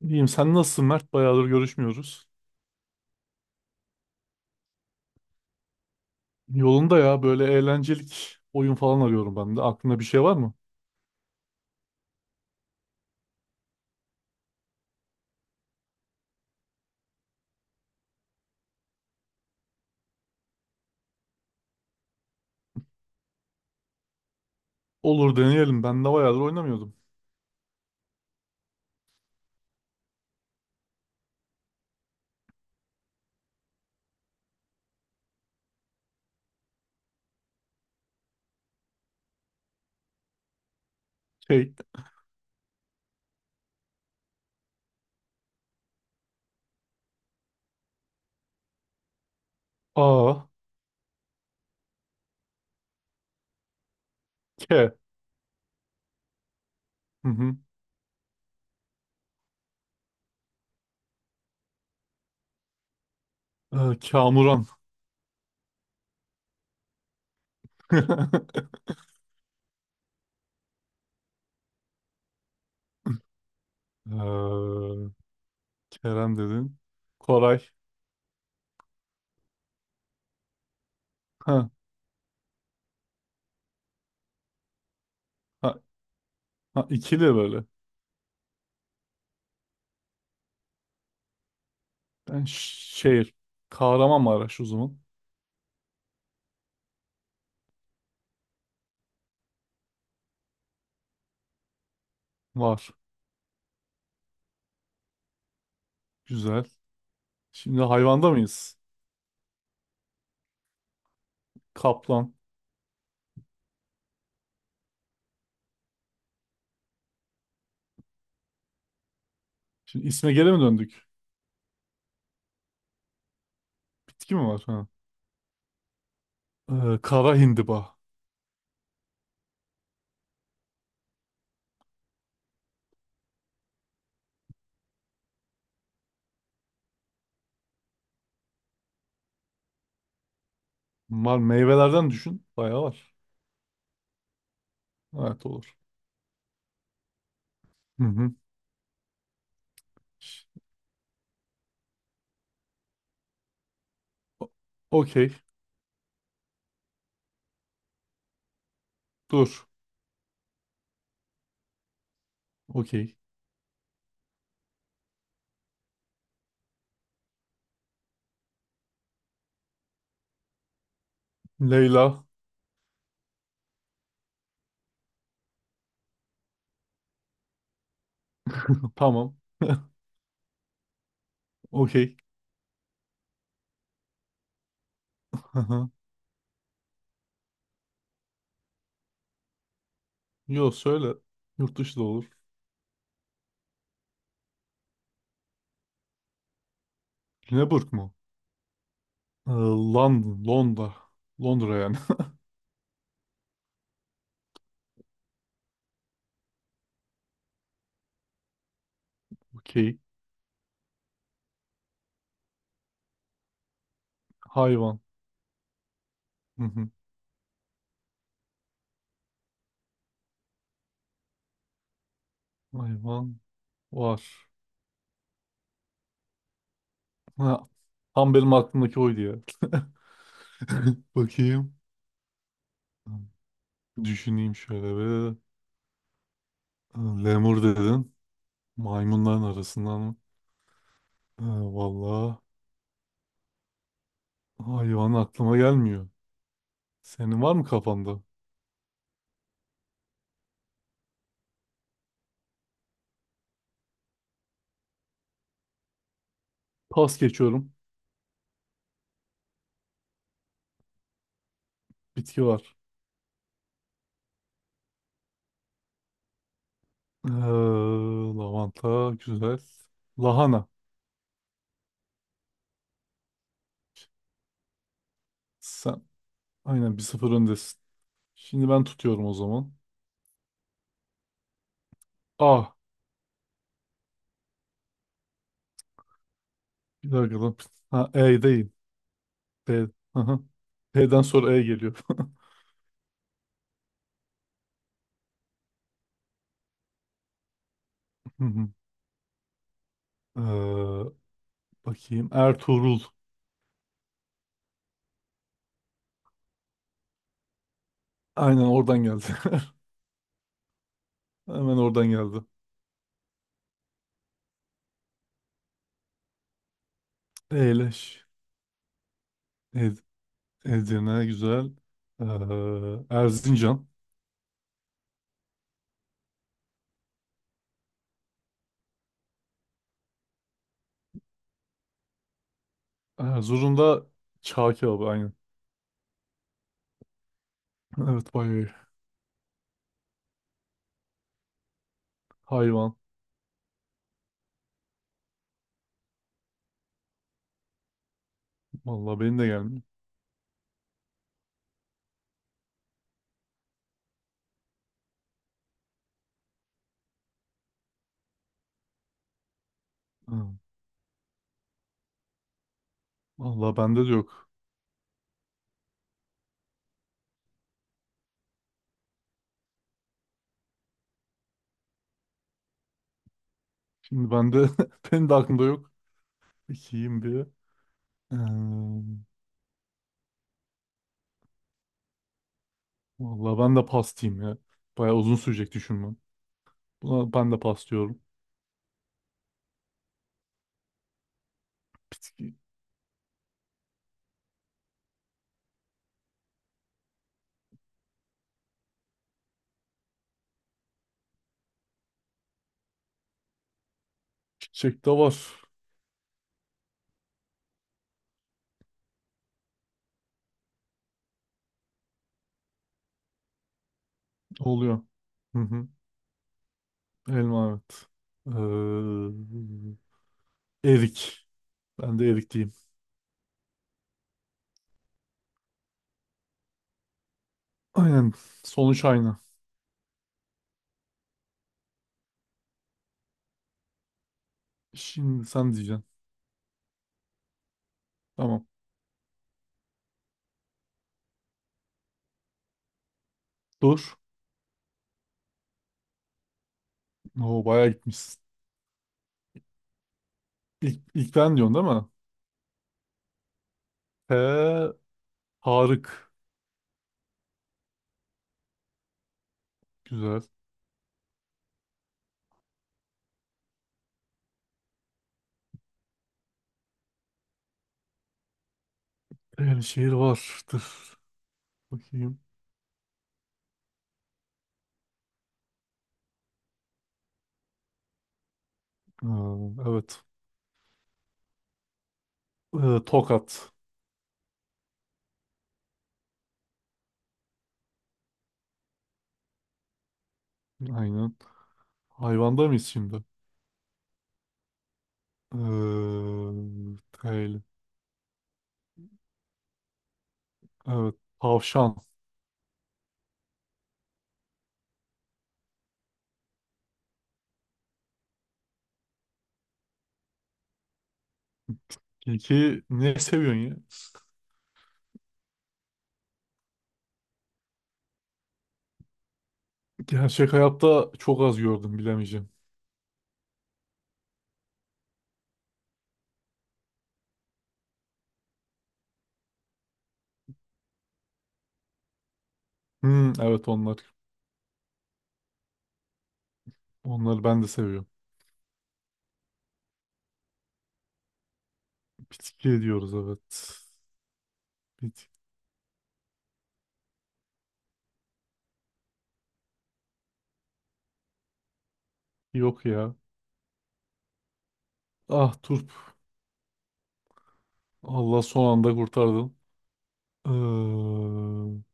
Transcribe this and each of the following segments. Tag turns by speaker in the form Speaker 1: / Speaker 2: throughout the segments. Speaker 1: İyiyim sen nasılsın Mert? Bayağıdır görüşmüyoruz. Yolunda ya böyle eğlencelik oyun falan arıyorum ben de. Aklında bir şey var mı? Olur deneyelim. Ben de bayağıdır oynamıyordum. Şey. A. K. Hı hı. Kamuran. Ee, Kerem dedin. Koray. Ha, ha, ha, ikili böyle. Şehir. Kahramanmaraş o zaman. Var. Güzel. Şimdi hayvanda mıyız? Kaplan. Şimdi isme geri mi döndük? Bitki mi var? Ha. Kara hindiba. Mal meyvelerden düşün. Bayağı var. Evet olur. Hı hı. Okey. Dur. Okey. Leyla. Tamam. Okey. Hı hı. Yo söyle. Yurt dışı da olur. Lüneburg mu? London. Londra. Londra yani. Okey. Hayvan. Hı hı. Hayvan var. Ha. Tam benim aklımdaki oydu ya. Bakayım. Düşüneyim şöyle bir. Lemur dedin. Maymunların arasından mı? Ee, Vallahi. Hayvan aklıma gelmiyor. Senin var mı kafanda? Pas geçiyorum. Bitki var. Ee, lavanta güzel. Lahana. Sen aynen 1-0 öndesin. Şimdi ben tutuyorum o zaman. A. Bir dakika lan. Ha, E değil. B. Aha. P'den sonra E geliyor. Hı hı. ee, bakayım. Ertuğrul. Aynen oradan geldi. Hemen oradan geldi. Eyleş. Ed Edirne güzel. Erzincan. Ha, Zur'un çağ kebabı aynen. Evet bayağı iyi. Hayvan. Vallahi benim de gelmiyor. Ha, vallahi bende de yok. Şimdi bende benim de aklımda yok. İkiyim bir. Ee, vallahi ben de pastayım ya. Bayağı uzun sürecek düşünmem. Buna ben de pas diyorum. Bitki. Çiçek de var. Oluyor. Hı hı. Elma evet. Erik. Ben de erik diyeyim. Aynen. Sonuç aynı. Şimdi sen diyeceksin. Tamam. Dur. Oo, bayağı gitmişsin. İlk, ilk ben diyorsun değil mi? T. Tarık. Güzel. Şehir vardır. Bakayım. Ha, evet. Tokat. Aynen. Hayvanda mıyız şimdi? T ile. Evet. Tavşan. Peki ne seviyorsun ya? Gerçek hayatta çok az gördüm bilemeyeceğim. Hmm, evet onlar. Onları ben de seviyorum. Bitki diyoruz evet. Bitki yok ya. Ah, turp. Allah son anda kurtardın. Ee,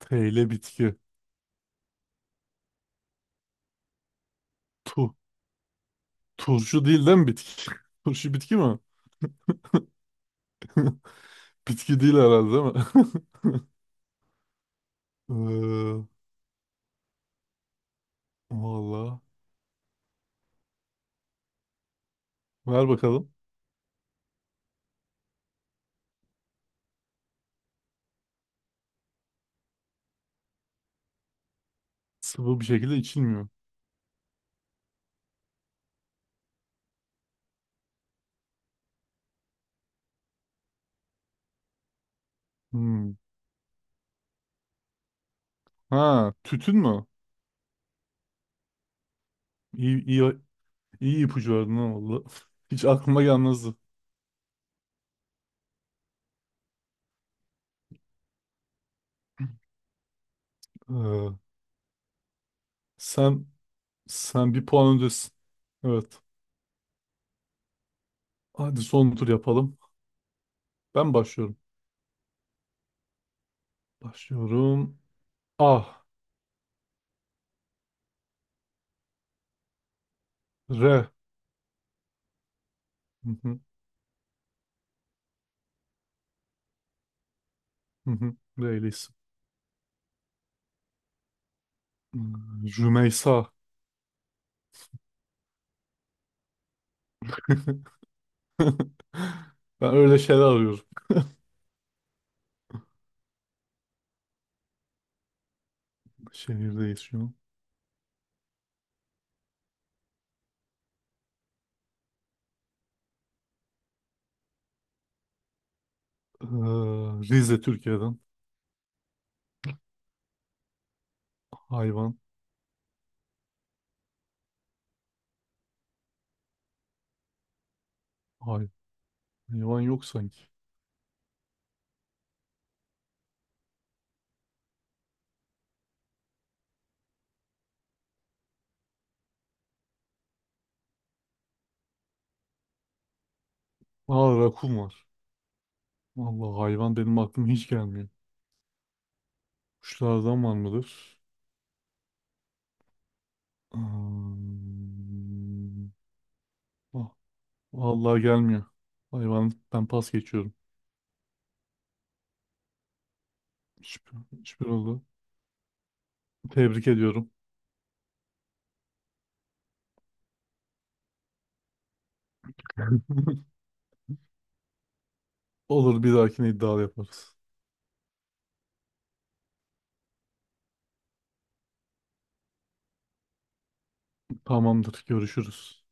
Speaker 1: T ile bitki. Tu. Turşu değil, değil mi bitki? Turşu bitki mi? Bitki değil herhalde değil mi? Ee, valla. Ver bakalım. Sıvı bir şekilde içilmiyor. Hmm. Ha, tütün mü? İyi, iyi, iyi ipucu verdin ha valla. Hiç aklıma gelmezdi. Ee, sen sen bir puan öndesin. Evet. Hadi son tur yapalım. Ben başlıyorum. Başlıyorum. Ah. R. Hı hı, hı hı. R ile isim. Hmm, Rümeysa. Ben öyle şeyler arıyorum. Şehirdeyiz şu an. Ee, Rize Türkiye'den. Hayvan. Hay hayvan yok sanki. Aa, rakun var. Vallahi hayvan benim aklıma hiç gelmiyor. Kuşlardan var mıdır? Hmm. Ah, vallahi gelmiyor. Hayvan ben pas geçiyorum. Hiçbir, hiçbir oldu. Tebrik ediyorum. Olur bir dahakine iddia yaparız. Tamamdır görüşürüz.